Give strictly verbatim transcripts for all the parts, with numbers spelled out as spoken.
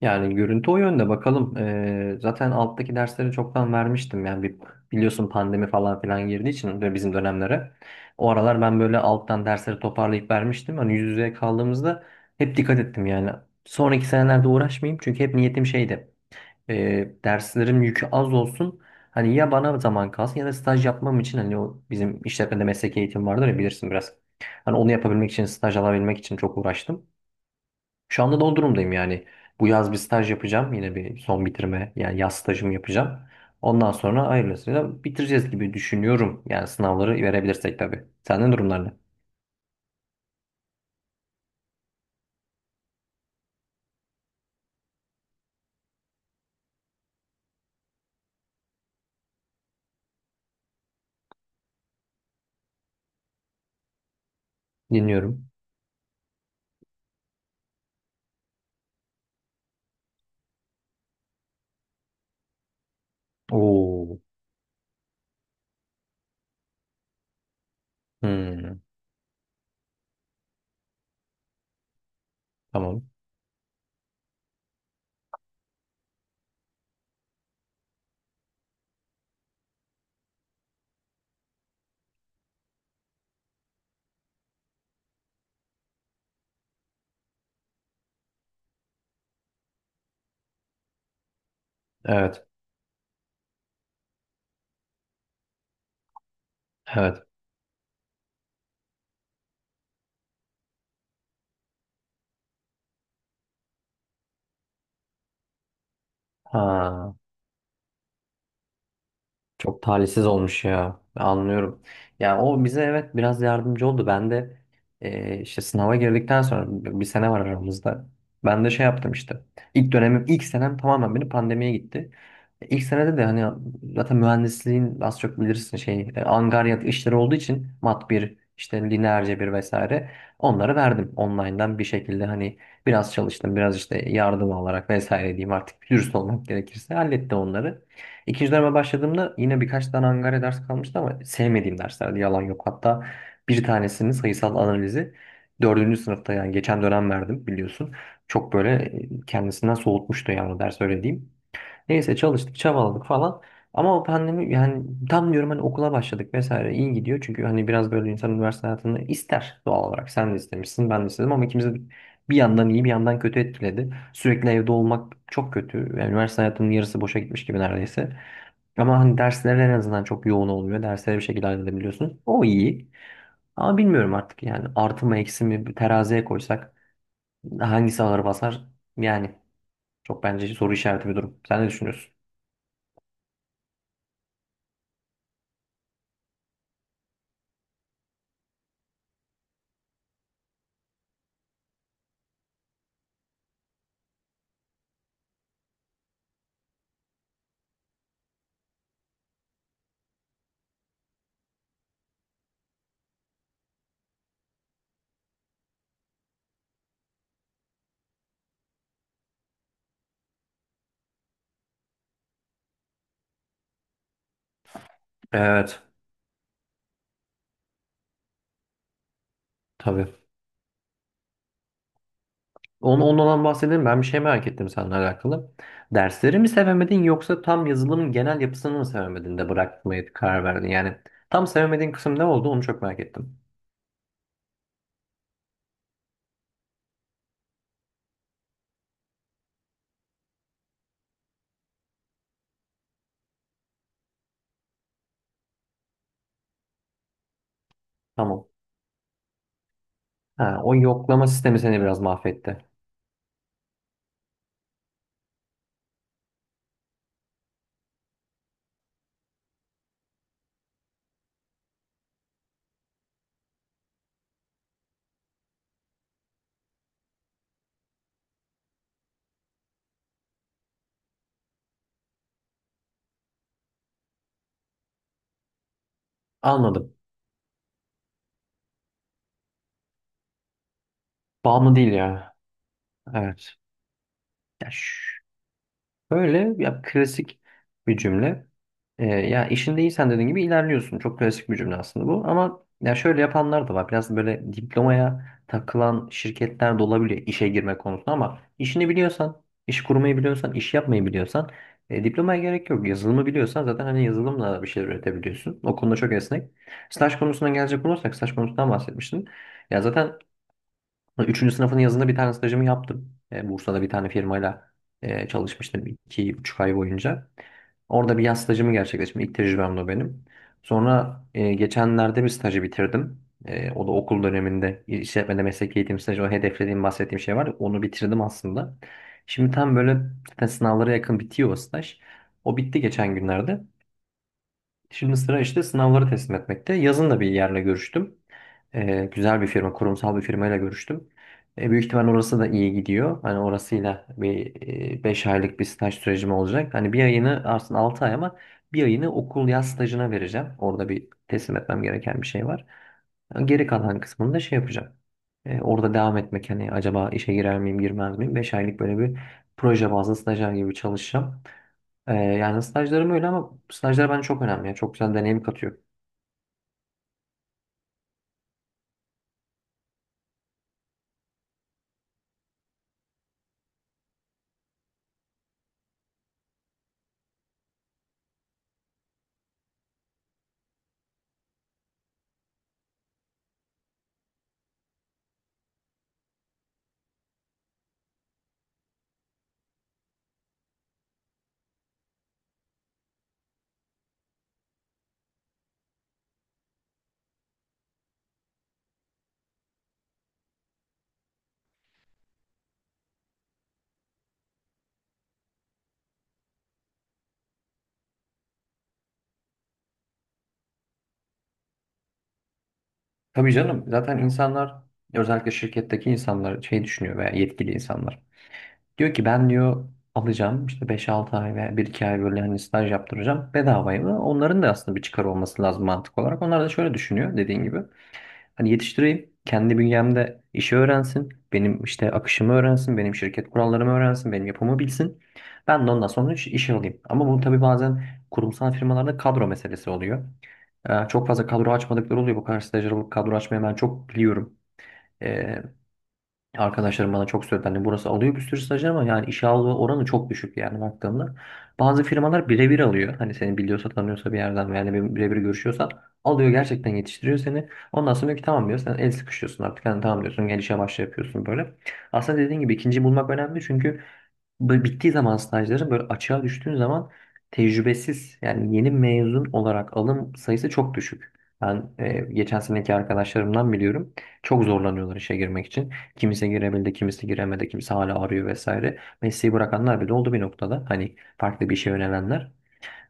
Yani görüntü o yönde bakalım. Ee, zaten alttaki dersleri çoktan vermiştim. Yani bir, biliyorsun pandemi falan filan girdiği için de bizim dönemlere. O aralar ben böyle alttan dersleri toparlayıp vermiştim. Hani yüz yüze kaldığımızda hep dikkat ettim yani. Sonraki senelerde uğraşmayayım çünkü hep niyetim şeydi. Ee, derslerim yükü az olsun. Hani ya bana zaman kalsın ya da staj yapmam için hani o bizim işletmede mesleki eğitim vardır ya bilirsin biraz. Hani onu yapabilmek için staj alabilmek için çok uğraştım. Şu anda da o durumdayım yani. Bu yaz bir staj yapacağım. Yine bir son bitirme yani yaz stajımı yapacağım. Ondan sonra hayırlısıyla bitireceğiz gibi düşünüyorum. Yani sınavları verebilirsek tabii. Senden durumlar ne? Dinliyorum. Oo. Hmm, tamam. Evet. Evet. Ha. Çok talihsiz olmuş ya. Ben Anlıyorum. Yani o bize evet biraz yardımcı oldu. Ben de e, işte sınava girdikten sonra bir bir sene var aramızda. Ben de şey yaptım işte. İlk dönemim, ilk senem tamamen benim pandemiye gitti. E, İlk senede de hani zaten mühendisliğin az çok bilirsin şey e, angaryat işleri olduğu için mat bir işte lineer cebir vesaire onları verdim online'dan bir şekilde hani biraz çalıştım biraz işte yardım alarak vesaire diyeyim artık dürüst olmak gerekirse hallettim onları. İkinci döneme başladığımda yine birkaç tane Angare ders kalmıştı ama sevmediğim derslerdi yalan yok. Hatta bir tanesinin sayısal analizi dördüncü sınıfta yani geçen dönem verdim biliyorsun. Çok böyle e, kendisinden soğutmuştu yani o ders öyle diyeyim. Neyse çalıştık, çabaladık falan. Ama o pandemi yani tam diyorum hani okula başladık vesaire iyi gidiyor. Çünkü hani biraz böyle insan üniversite hayatını ister doğal olarak. Sen de istemişsin, ben de istedim ama ikimiz de bir yandan iyi bir yandan kötü etkiledi. Sürekli evde olmak çok kötü. Yani üniversite hayatının yarısı boşa gitmiş gibi neredeyse. Ama hani dersler en azından çok yoğun olmuyor. Derslere bir şekilde halledebiliyorsun. O iyi. Ama bilmiyorum artık yani artı mı eksi mi bir teraziye koysak hangisi ağır basar? Yani çok bence soru işareti bir durum. Sen ne düşünüyorsun? Evet. Tabii. Onu, ondan bahsedelim. Ben bir şey merak ettim seninle alakalı. Dersleri mi sevemedin yoksa tam yazılımın genel yapısını mı sevemedin de bırakmaya karar verdin? Yani tam sevemediğin kısım ne oldu onu çok merak ettim. Tamam. Ha, o yoklama sistemi seni biraz mahvetti. Anladım. Bağımlı değil ya. Evet. Ya, şş. Böyle ya klasik bir cümle. Ee, ya işinde iyisen dediğin gibi ilerliyorsun. Çok klasik bir cümle aslında bu. Ama ya şöyle yapanlar da var. Biraz böyle diplomaya takılan şirketler de olabiliyor işe girme konusunda ama işini biliyorsan, iş kurmayı biliyorsan, iş yapmayı biliyorsan e, diplomaya gerek yok. Yazılımı biliyorsan zaten hani yazılımla bir şeyler üretebiliyorsun. O konuda çok esnek. Staj konusuna gelecek olursak staj konusundan bahsetmiştim. Ya zaten Üçüncü sınıfın yazında bir tane stajımı yaptım. E, Bursa'da bir tane firmayla e, çalışmıştım iki buçuk ay boyunca. Orada bir yaz stajımı gerçekleştirdim. İlk tecrübemdi o benim. Sonra e, geçenlerde bir stajı bitirdim. E, o da okul döneminde işletmede meslek eğitim stajı o hedeflediğim bahsettiğim şey var. Ya, onu bitirdim aslında. Şimdi tam böyle zaten sınavlara yakın bitiyor o staj. O bitti geçen günlerde. Şimdi sıra işte sınavları teslim etmekte. Yazın da bir yerle görüştüm. Ee, güzel bir firma, kurumsal bir firmayla görüştüm. Ee, büyük ihtimal orası da iyi gidiyor. Hani orasıyla bir e, beş aylık bir staj sürecim olacak. Hani bir ayını aslında altı ay ama bir ayını okul yaz stajına vereceğim. Orada bir teslim etmem gereken bir şey var. Geri kalan kısmını da şey yapacağım. Ee, orada devam etmek hani acaba işe girer miyim girmez miyim? Beş aylık böyle bir proje bazlı stajyer gibi çalışacağım. Ee, yani stajlarım öyle ama stajlar bence çok önemli. Ya. Çok güzel deneyim katıyor. Tabii canım zaten insanlar özellikle şirketteki insanlar şey düşünüyor veya yetkili insanlar. Diyor ki ben diyor alacağım işte beş altı ay veya bir iki ay böyle hani staj yaptıracağım bedavaya. Onların da aslında bir çıkar olması lazım mantık olarak. Onlar da şöyle düşünüyor dediğin gibi. Hani yetiştireyim. Kendi bünyemde işi öğrensin. Benim işte akışımı öğrensin. Benim şirket kurallarımı öğrensin. Benim yapımı bilsin. Ben de ondan sonra iş- işe alayım. Ama bu tabii bazen kurumsal firmalarda kadro meselesi oluyor. Ee, çok fazla kadro açmadıkları oluyor. Bu kadar stajyer alıp kadro açmayı ben çok biliyorum. Arkadaşlarım bana çok söyledi. Hani burası alıyor bir sürü stajyer ama yani işe alma oranı çok düşük yani baktığımda. Bazı firmalar birebir alıyor. Hani seni biliyorsa tanıyorsa bir yerden yani bir- birebir görüşüyorsan alıyor gerçekten yetiştiriyor seni. Ondan sonra diyor ki tamam diyor sen el sıkışıyorsun artık. Hani tamam diyorsun gel işe başla yapıyorsun böyle. Aslında dediğin gibi ikinciyi bulmak önemli çünkü böyle bittiği zaman stajların böyle açığa düştüğün zaman tecrübesiz yani yeni mezun olarak alım sayısı çok düşük. Ben e, geçen seneki arkadaşlarımdan biliyorum. Çok zorlanıyorlar işe girmek için. Kimisi girebildi, kimisi giremedi, kimisi hala arıyor vesaire. Mesleği bırakanlar bile oldu bir noktada. Hani farklı bir işe yönelenler.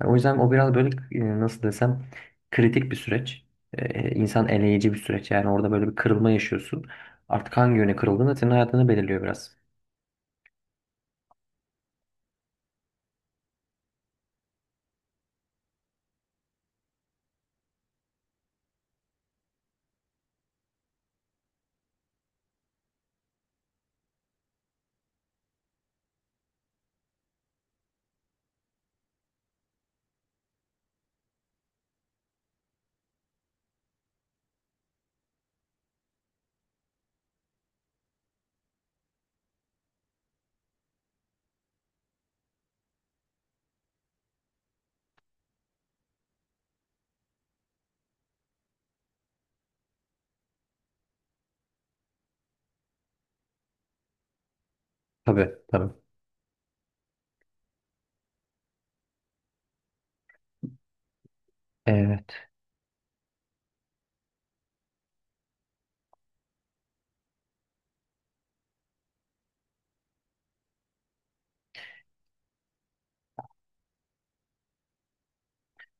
Yani o yüzden o biraz böyle e, nasıl desem kritik bir süreç. E, insan eleyici bir süreç. Yani orada böyle bir kırılma yaşıyorsun. Artık hangi yöne kırıldığın da senin hayatını belirliyor biraz. Tabii tabii. Evet.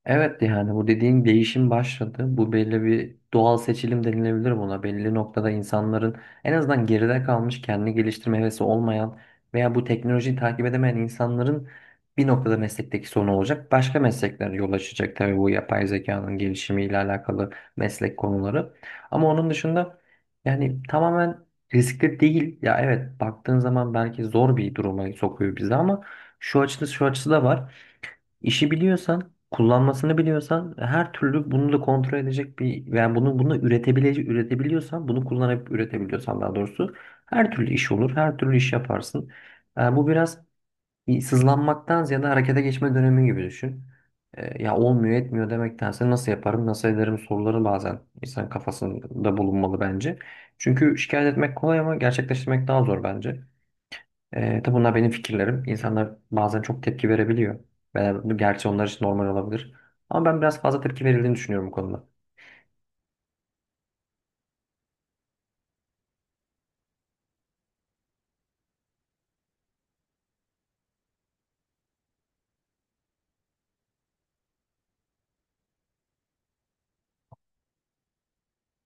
Evet yani bu dediğin değişim başladı. Bu belli bir doğal seçilim denilebilir buna. Belli noktada insanların en azından geride kalmış kendini geliştirme hevesi olmayan veya bu teknolojiyi takip edemeyen insanların bir noktada meslekteki sorun olacak. Başka meslekler yol açacak tabii bu yapay zekanın gelişimiyle alakalı meslek konuları. Ama onun dışında yani tamamen riskli değil. Ya evet baktığın zaman belki zor bir duruma sokuyor bizi ama şu açısı şu açısı da var. İşi biliyorsan, kullanmasını biliyorsan, her türlü bunu da kontrol edecek bir yani bunu bunu üretebilecek üretebiliyorsan, bunu kullanıp üretebiliyorsan daha doğrusu her türlü iş olur, her türlü iş yaparsın. Yani bu biraz bir sızlanmaktan ziyade harekete geçme dönemi gibi düşün. Ee, ya olmuyor etmiyor demektense nasıl yaparım, nasıl ederim soruları bazen insan kafasında bulunmalı bence. Çünkü şikayet etmek kolay ama gerçekleştirmek daha zor bence. E, tabi bunlar benim fikirlerim. İnsanlar bazen çok tepki verebiliyor. Ben, bu gerçi onlar için normal olabilir. Ama ben biraz fazla tepki verildiğini düşünüyorum bu konuda.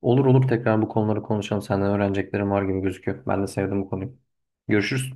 Olur olur tekrar bu konuları konuşalım. Senden öğreneceklerim var gibi gözüküyor. Ben de sevdim bu konuyu. Görüşürüz.